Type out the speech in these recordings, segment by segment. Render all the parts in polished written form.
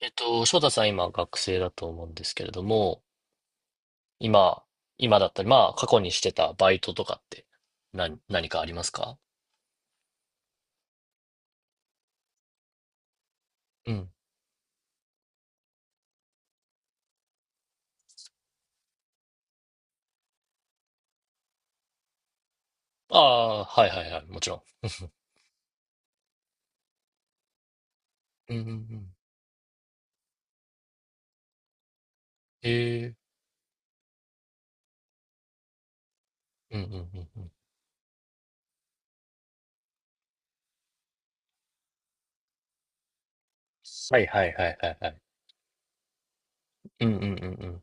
翔太さん今学生だと思うんですけれども、今、今だったり、まあ過去にしてたバイトとかって何かありますか？うん。ああ、はいはいはい、もちろん。うんうんうん。ええ、うんうんうんうん。はいはいはいはいはい。うんうんうんうん。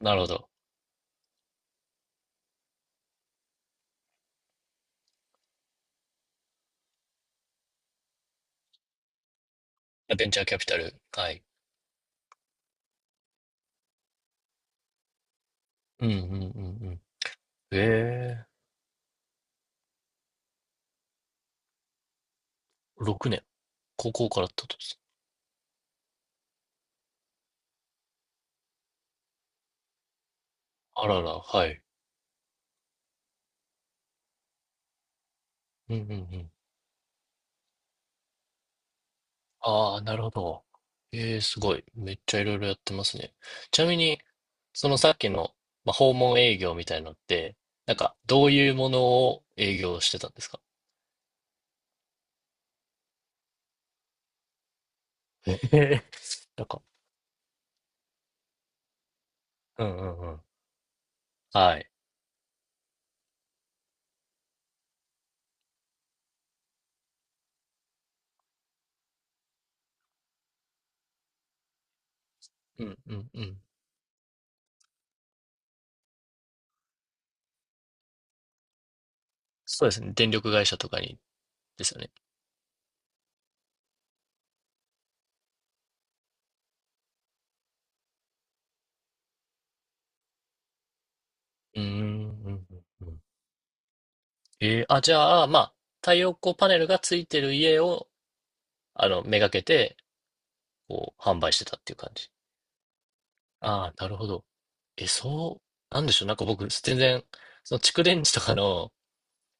なるほど。ベンチャーキャピタル。はい。うんうんうんうん。ええ、6年。高校からってことです？あらら、はい。うんうんうん。ああ、なるほど。ええ、すごい。めっちゃいろいろやってますね。ちなみに、そのさっきの、まあ、訪問営業みたいのって、なんか、どういうものを営業してたんですか？ええ、 なんか、うんうんうん。はい。うんうんうん。そうですね。電力会社とかに、ですよね。うーん、うんうんうん。じゃあ、まあ、太陽光パネルがついてる家を、あの、めがけて、こう、販売してたっていう感じ。ああ、なるほど。え、そう、なんでしょう。なんか僕、全然、その蓄電池とかの、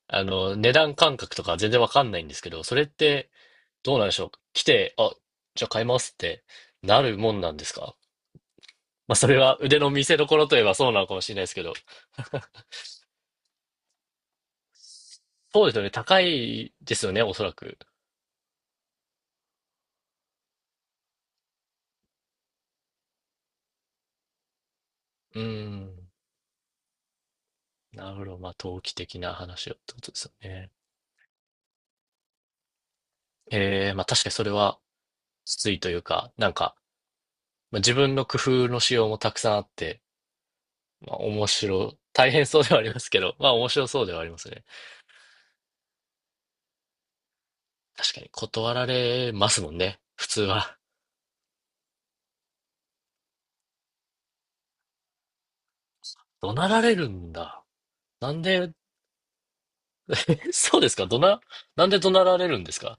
あの、値段感覚とか全然わかんないんですけど、それって、どうなんでしょう。来て、あ、じゃあ買いますってなるもんなんですか？ まあ、それは腕の見せ所といえばそうなのかもしれないですけど。そうですよね。高いですよね、おそらく。うーん。なるほど。まあ、投機的な話をってことですよね。ええ、まあ確かにそれはきついというか、なんか、まあ、自分の工夫の仕様もたくさんあって、まあ、大変そうではありますけど、まあ、面白そうではありますね。確かに断られますもんね、普通は。怒鳴られるんだ。なんで、え、そうですか？なんで怒鳴られるんですか？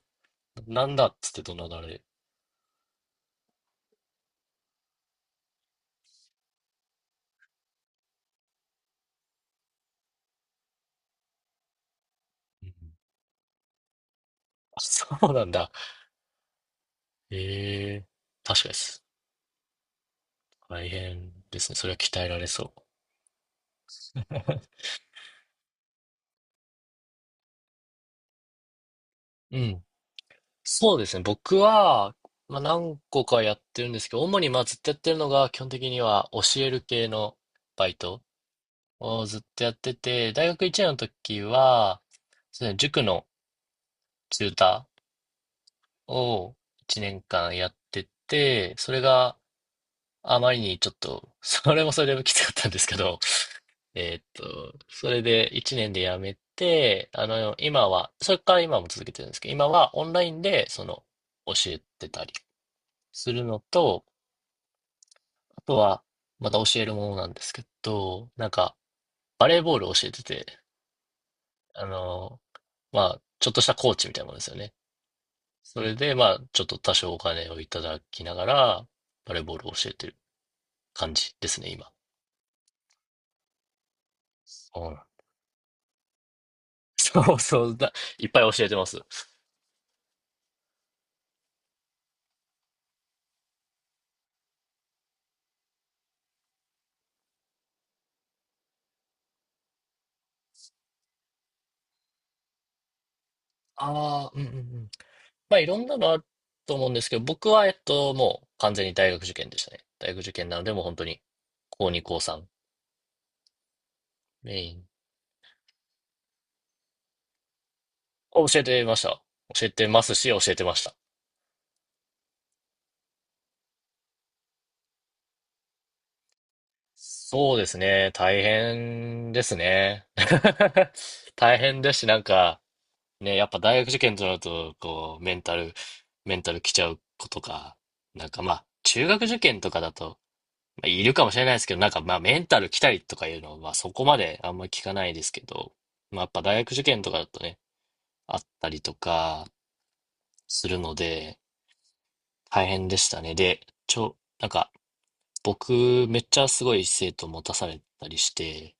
なんだっつって怒鳴られる。うん、あ、そうなんだ。ええ、確かです。大変ですね。それは鍛えられそう。うん。そうですね。僕は、まあ、何個かやってるんですけど、主にまあずっとやってるのが、基本的には教える系のバイト、をずっとやってて、大学1年の時は、そうですね、塾のチューターを1年間やってて、それがあまりにちょっと、それもそれできつかったんですけど、それで1年でやめて、あの、今は、それから今も続けてるんですけど、今はオンラインで、その、教えてたりするのと、あとは、また教えるものなんですけど、なんか、バレーボールを教えてて、あの、まあ、ちょっとしたコーチみたいなものですよね。それで、まあ、ちょっと多少お金をいただきながら、バレーボールを教えてる感じですね、今。そうなんそうそうだ。いっぱい教えてます。ああ、うんうんうん。まあ、いろんなのあると思うんですけど、僕は、もう完全に大学受験でしたね。大学受験なので、もう本当に、高2、高3、メインを教えてました。教えてますし、教えてました。そうですね。大変ですね。大変ですし、なんか、ね、やっぱ大学受験となると、こう、メンタル来ちゃう子とか、なんかまあ、中学受験とかだと、まあ、いるかもしれないですけど、なんかまあ、メンタル来たりとかいうのは、まあ、そこまであんまり聞かないですけど、まあ、やっぱ大学受験とかだとね、あったりとかするので、大変でしたね。で、なんか、僕、めっちゃすごい生徒持たされたりして、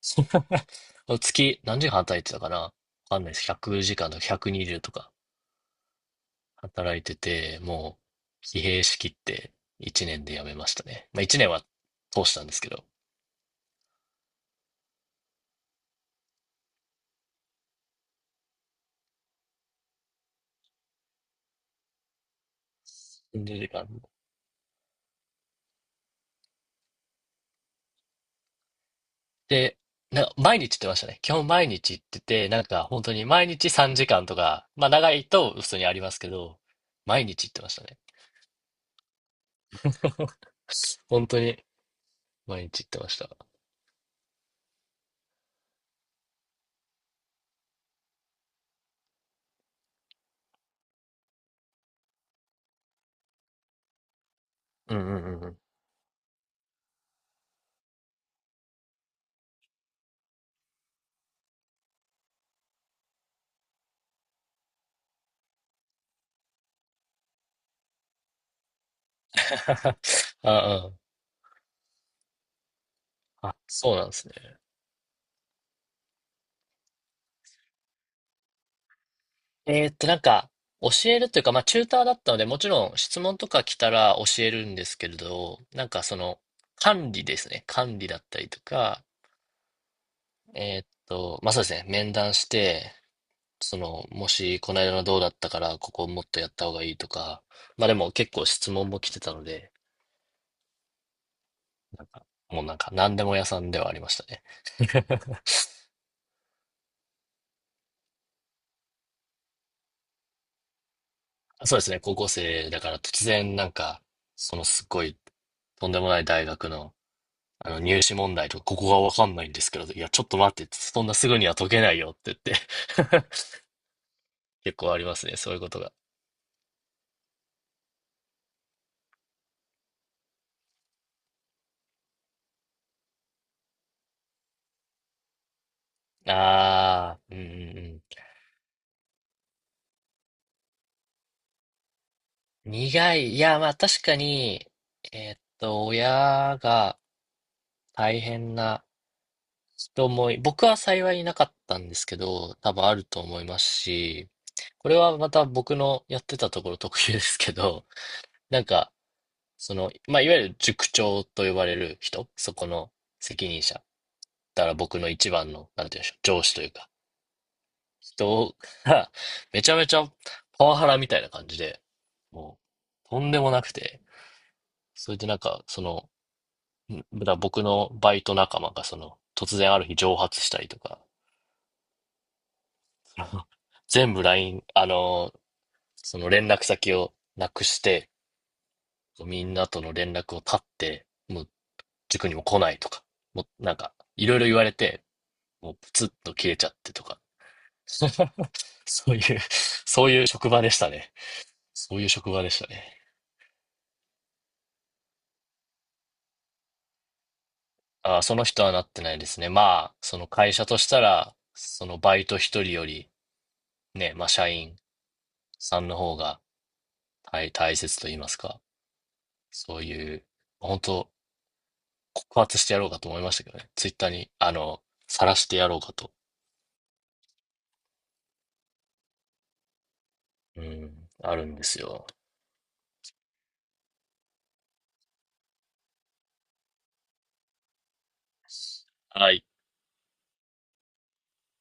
月、何時間働いてたかなわかんないです。100時間とか120とか。働いてて、もう疲弊しきって1年で辞めましたね。まあ1年は通したんですけど、20時間。で、毎日行ってましたね。基本毎日行ってて、なんか本当に毎日3時間とか、まあ長いと普通にありますけど、毎日行ってましたね。本当に毎日行ってました。うんうんうんうん。ああ、あ、そうなんですね。なんか、教えるというか、まあ、チューターだったので、もちろん質問とか来たら教えるんですけれど、なんかその、管理ですね。管理だったりとか、まあ、そうですね。面談して、その、もし、この間のどうだったから、ここもっとやった方がいいとか、まあ、でも結構質問も来てたので、なんか、もうなんか、何でも屋さんではありましたね。そうですね。高校生だから突然、なんか、そのすっごい、とんでもない大学の、あの入試問題とか、ここがわかんないんですけど、いや、ちょっと待って、そんなすぐには解けないよって言って、 結構ありますね、そういうことが。ああ、うんうんうん。苦い。いや、まあ確かに、親が大変な人もい、僕は幸いなかったんですけど、多分あると思いますし、これはまた僕のやってたところ特有ですけど、なんか、その、まあ、いわゆる塾長と呼ばれる人、そこの責任者。だから僕の一番の、なんて言うんでしょう、上司というか、人が、めちゃめちゃパワハラみたいな感じで、もう、とんでもなくて、それでなんか、その、だから僕のバイト仲間が、その、突然ある日蒸発したりとか、その全部ラインあの、その連絡先をなくして、みんなとの連絡を絶って、もう塾にも来ないとか、もうなんか、いろいろ言われて、もうプツッと切れちゃってとか。そういう、そういう職場でしたね。そういう職場でしたね。ああ、その人はなってないですね。まあ、その会社としたら、そのバイト一人より、ね、まあ社員さんの方が大切と言いますか。そういう、本当告発してやろうかと思いましたけどね。ツイッターに、あの、晒してやろうかと。うん、あるんですよ。はい。